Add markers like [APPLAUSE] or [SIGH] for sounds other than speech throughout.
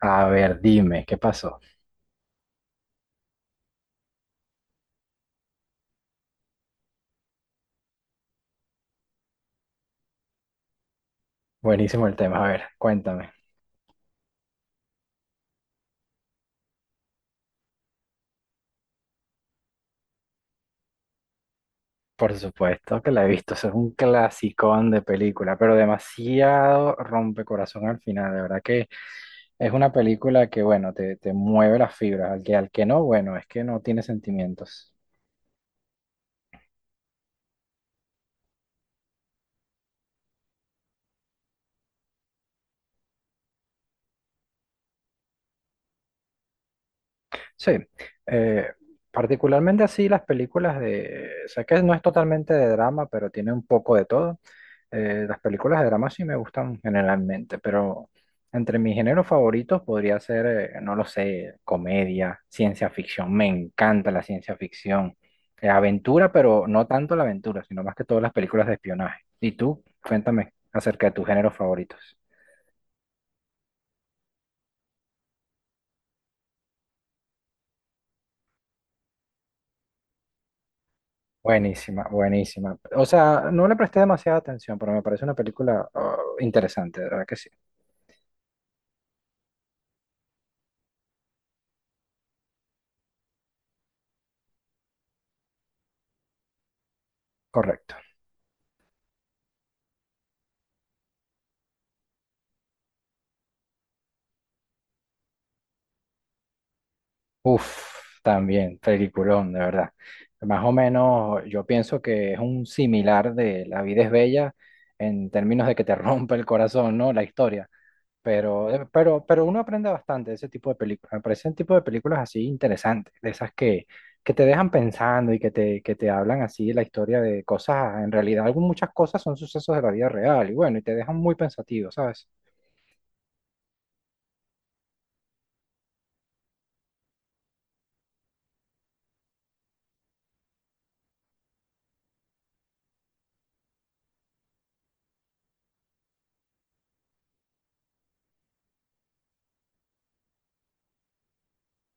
A ver, dime, ¿qué pasó? Buenísimo el tema. A ver, cuéntame. Por supuesto que la he visto. Eso es un clasicón de película, pero demasiado rompecorazón al final. De verdad que es una película que, bueno, te mueve las fibras. Al que no, bueno, es que no tiene sentimientos. Sí, eh, particularmente así las películas de... Sé que no es totalmente de drama, pero tiene un poco de todo. Las películas de drama sí me gustan generalmente, pero entre mis géneros favoritos podría ser, no lo sé, comedia, ciencia ficción. Me encanta la ciencia ficción. Aventura, pero no tanto la aventura, sino más que todas las películas de espionaje. ¿Y tú? Cuéntame acerca de tus géneros favoritos. Buenísima, buenísima. O sea, no le presté demasiada atención, pero me parece una película, ah, interesante, de verdad que sí. Correcto. Uf, también, peliculón, de verdad. Más o menos, yo pienso que es un similar de La vida es bella en términos de que te [LAUGHS] rompe el corazón, ¿no? La historia. Pero, pero uno aprende bastante de ese tipo de películas. Me parecen tipo de películas así interesantes, de esas que te dejan pensando y que te hablan así de la historia de cosas. En realidad, muchas cosas son sucesos de la vida real y bueno, y te dejan muy pensativo, ¿sabes?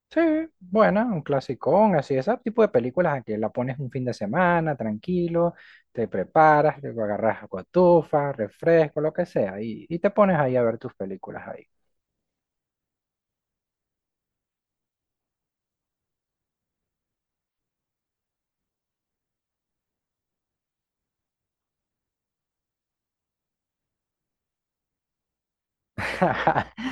Sí, buena, un clasicón, así, ese tipo de películas a que la pones un fin de semana, tranquilo, te preparas, luego agarras cotufa, refresco, lo que sea, y te pones ahí a ver tus películas ahí. [LAUGHS]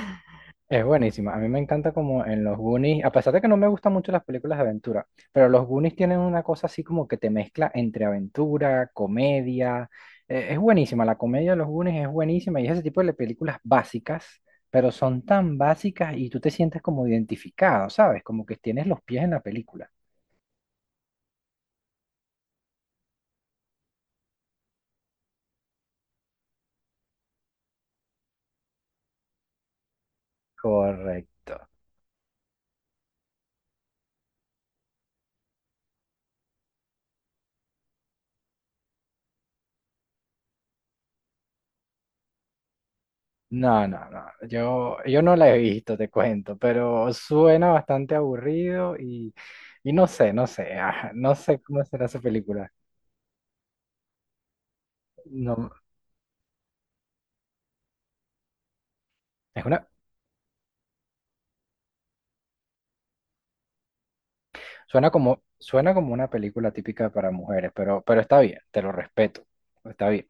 Es buenísima. A mí me encanta como en los Goonies, a pesar de que no me gustan mucho las películas de aventura, pero los Goonies tienen una cosa así como que te mezcla entre aventura, comedia. Es buenísima, la comedia de los Goonies es buenísima y es ese tipo de películas básicas, pero son tan básicas y tú te sientes como identificado, ¿sabes? Como que tienes los pies en la película. Correcto. No, no, no. Yo no la he visto, te cuento, pero suena bastante aburrido y, no sé, ah, no sé cómo será esa película. No, es una, suena como una película típica para mujeres, pero está bien, te lo respeto, está bien.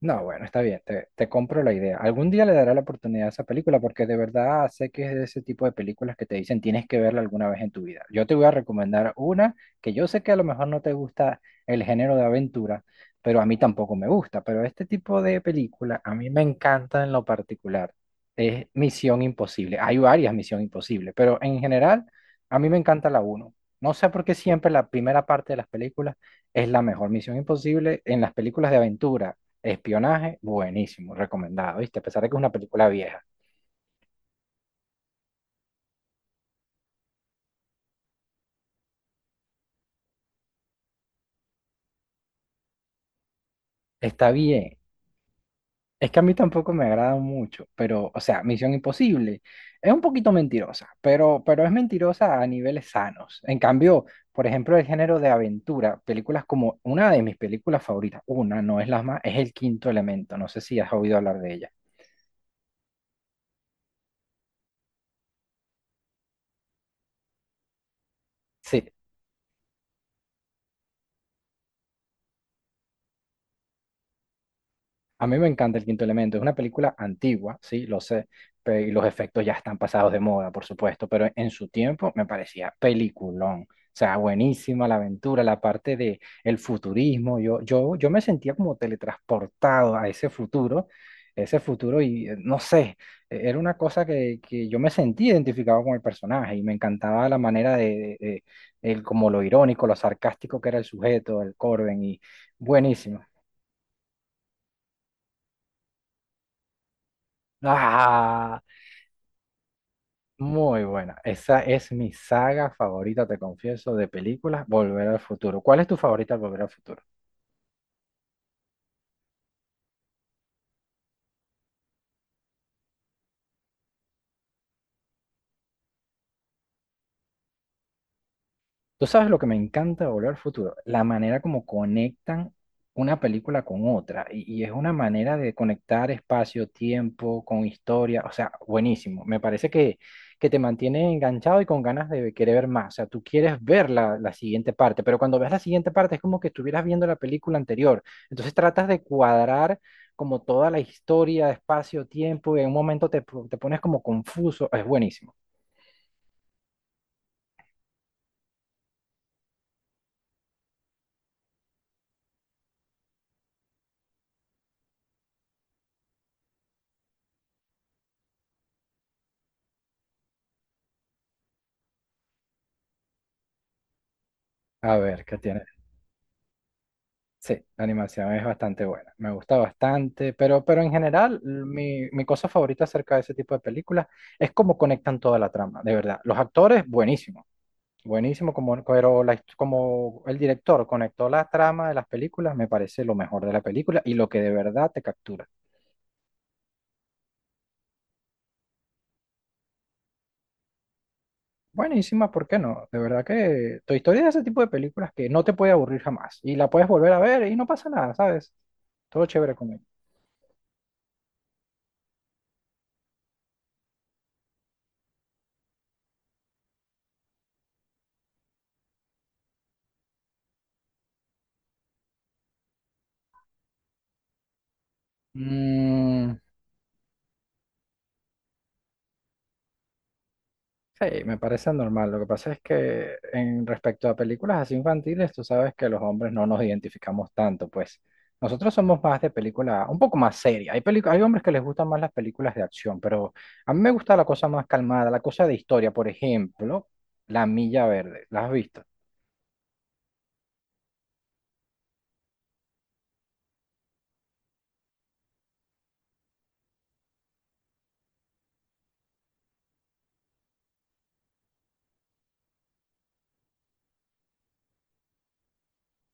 No, bueno, está bien, te compro la idea. Algún día le daré la oportunidad a esa película porque de verdad sé que es de ese tipo de películas que te dicen tienes que verla alguna vez en tu vida. Yo te voy a recomendar una que yo sé que a lo mejor no te gusta el género de aventura, pero a mí tampoco me gusta. Pero este tipo de película a mí me encanta en lo particular. Es Misión Imposible. Hay varias Misión Imposible, pero en general a mí me encanta la uno. No sé por qué siempre la primera parte de las películas es la mejor. Misión Imposible en las películas de aventura. Espionaje, buenísimo, recomendado, ¿viste? A pesar de que es una película vieja. Está bien. Es que a mí tampoco me agrada mucho, pero, o sea, Misión Imposible es un poquito mentirosa, pero es mentirosa a niveles sanos. En cambio, por ejemplo, el género de aventura, películas como una de mis películas favoritas, una, no es la más, es El Quinto Elemento, no sé si has oído hablar de ella. Sí, a mí me encanta El Quinto Elemento, es una película antigua, sí, lo sé, y los efectos ya están pasados de moda, por supuesto, pero en su tiempo me parecía peliculón. O sea, buenísima la aventura, la parte de el futurismo, yo me sentía como teletransportado a ese futuro y no sé, era una cosa que yo me sentía identificado con el personaje y me encantaba la manera de el, como lo irónico, lo sarcástico que era el sujeto, el Corben y buenísimo. Ah. Muy buena. Esa es mi saga favorita, te confieso, de películas, Volver al Futuro. ¿Cuál es tu favorita, de Volver al Futuro? Tú sabes lo que me encanta de Volver al Futuro, la manera como conectan una película con otra y es una manera de conectar espacio, tiempo, con historia, o sea, buenísimo. Me parece que te mantiene enganchado y con ganas de querer ver más, o sea, tú quieres ver la siguiente parte, pero cuando ves la siguiente parte es como que estuvieras viendo la película anterior, entonces tratas de cuadrar como toda la historia, espacio, tiempo y en un momento te pones como confuso, es buenísimo. A ver, ¿qué tienes? Sí, la animación es bastante buena, me gusta bastante, pero en general mi cosa favorita acerca de ese tipo de películas es cómo conectan toda la trama, de verdad. Los actores, buenísimo, buenísimo, como, pero como el director conectó la trama de las películas, me parece lo mejor de la película y lo que de verdad te captura. Buenísima, ¿por qué no? De verdad que tu historia es ese tipo de películas que no te puede aburrir jamás y la puedes volver a ver y no pasa nada, ¿sabes? Todo chévere con él. Sí, me parece normal. Lo que pasa es que en respecto a películas así infantiles, tú sabes que los hombres no nos identificamos tanto, pues nosotros somos más de película, un poco más seria. Hay hombres que les gustan más las películas de acción, pero a mí me gusta la cosa más calmada, la cosa de historia, por ejemplo, La Milla Verde. ¿La has visto?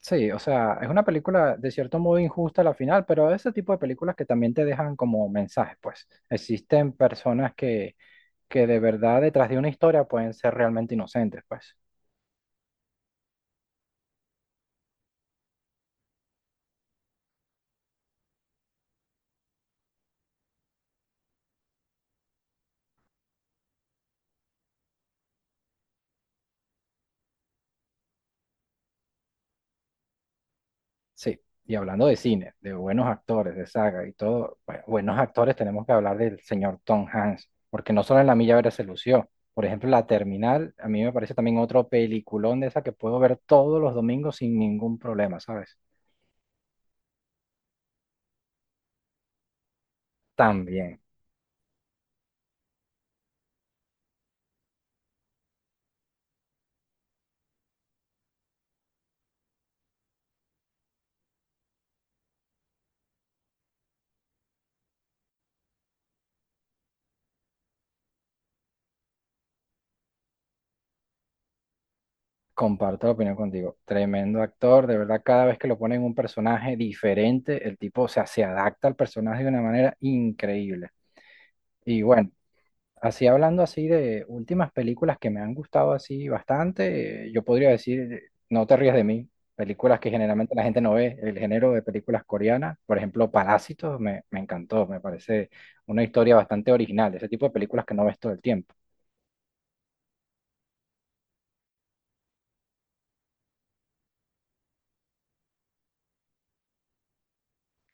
Sí, o sea, es una película de cierto modo injusta a la final, pero ese tipo de películas que también te dejan como mensajes, pues existen personas que de verdad detrás de una historia pueden ser realmente inocentes, pues. Sí, y hablando de cine, de buenos actores, de saga y todo, bueno, buenos actores tenemos que hablar del señor Tom Hanks, porque no solo en La Milla Verde se lució, por ejemplo, La Terminal, a mí me parece también otro peliculón de esa que puedo ver todos los domingos sin ningún problema, ¿sabes? También, comparto la opinión contigo, tremendo actor, de verdad, cada vez que lo ponen en un personaje diferente, el tipo, o sea, se adapta al personaje de una manera increíble. Y bueno. Así hablando así de últimas películas que me han gustado así bastante, yo podría decir, no te rías de mí, películas que generalmente la gente no ve, el género de películas coreanas, por ejemplo, Parásitos, me encantó, me parece una historia bastante original, ese tipo de películas que no ves todo el tiempo.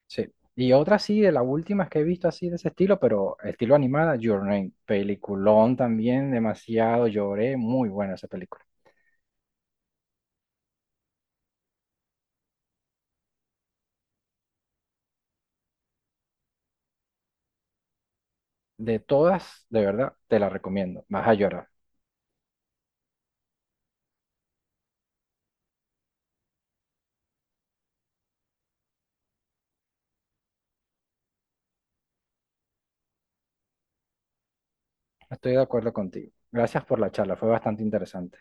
Sí. Y otra sí, de las últimas que he visto así de ese estilo, pero estilo animada, Your Name, peliculón también, demasiado, lloré, muy buena esa película. De todas, de verdad, te la recomiendo, vas a llorar. Estoy de acuerdo contigo. Gracias por la charla, fue bastante interesante.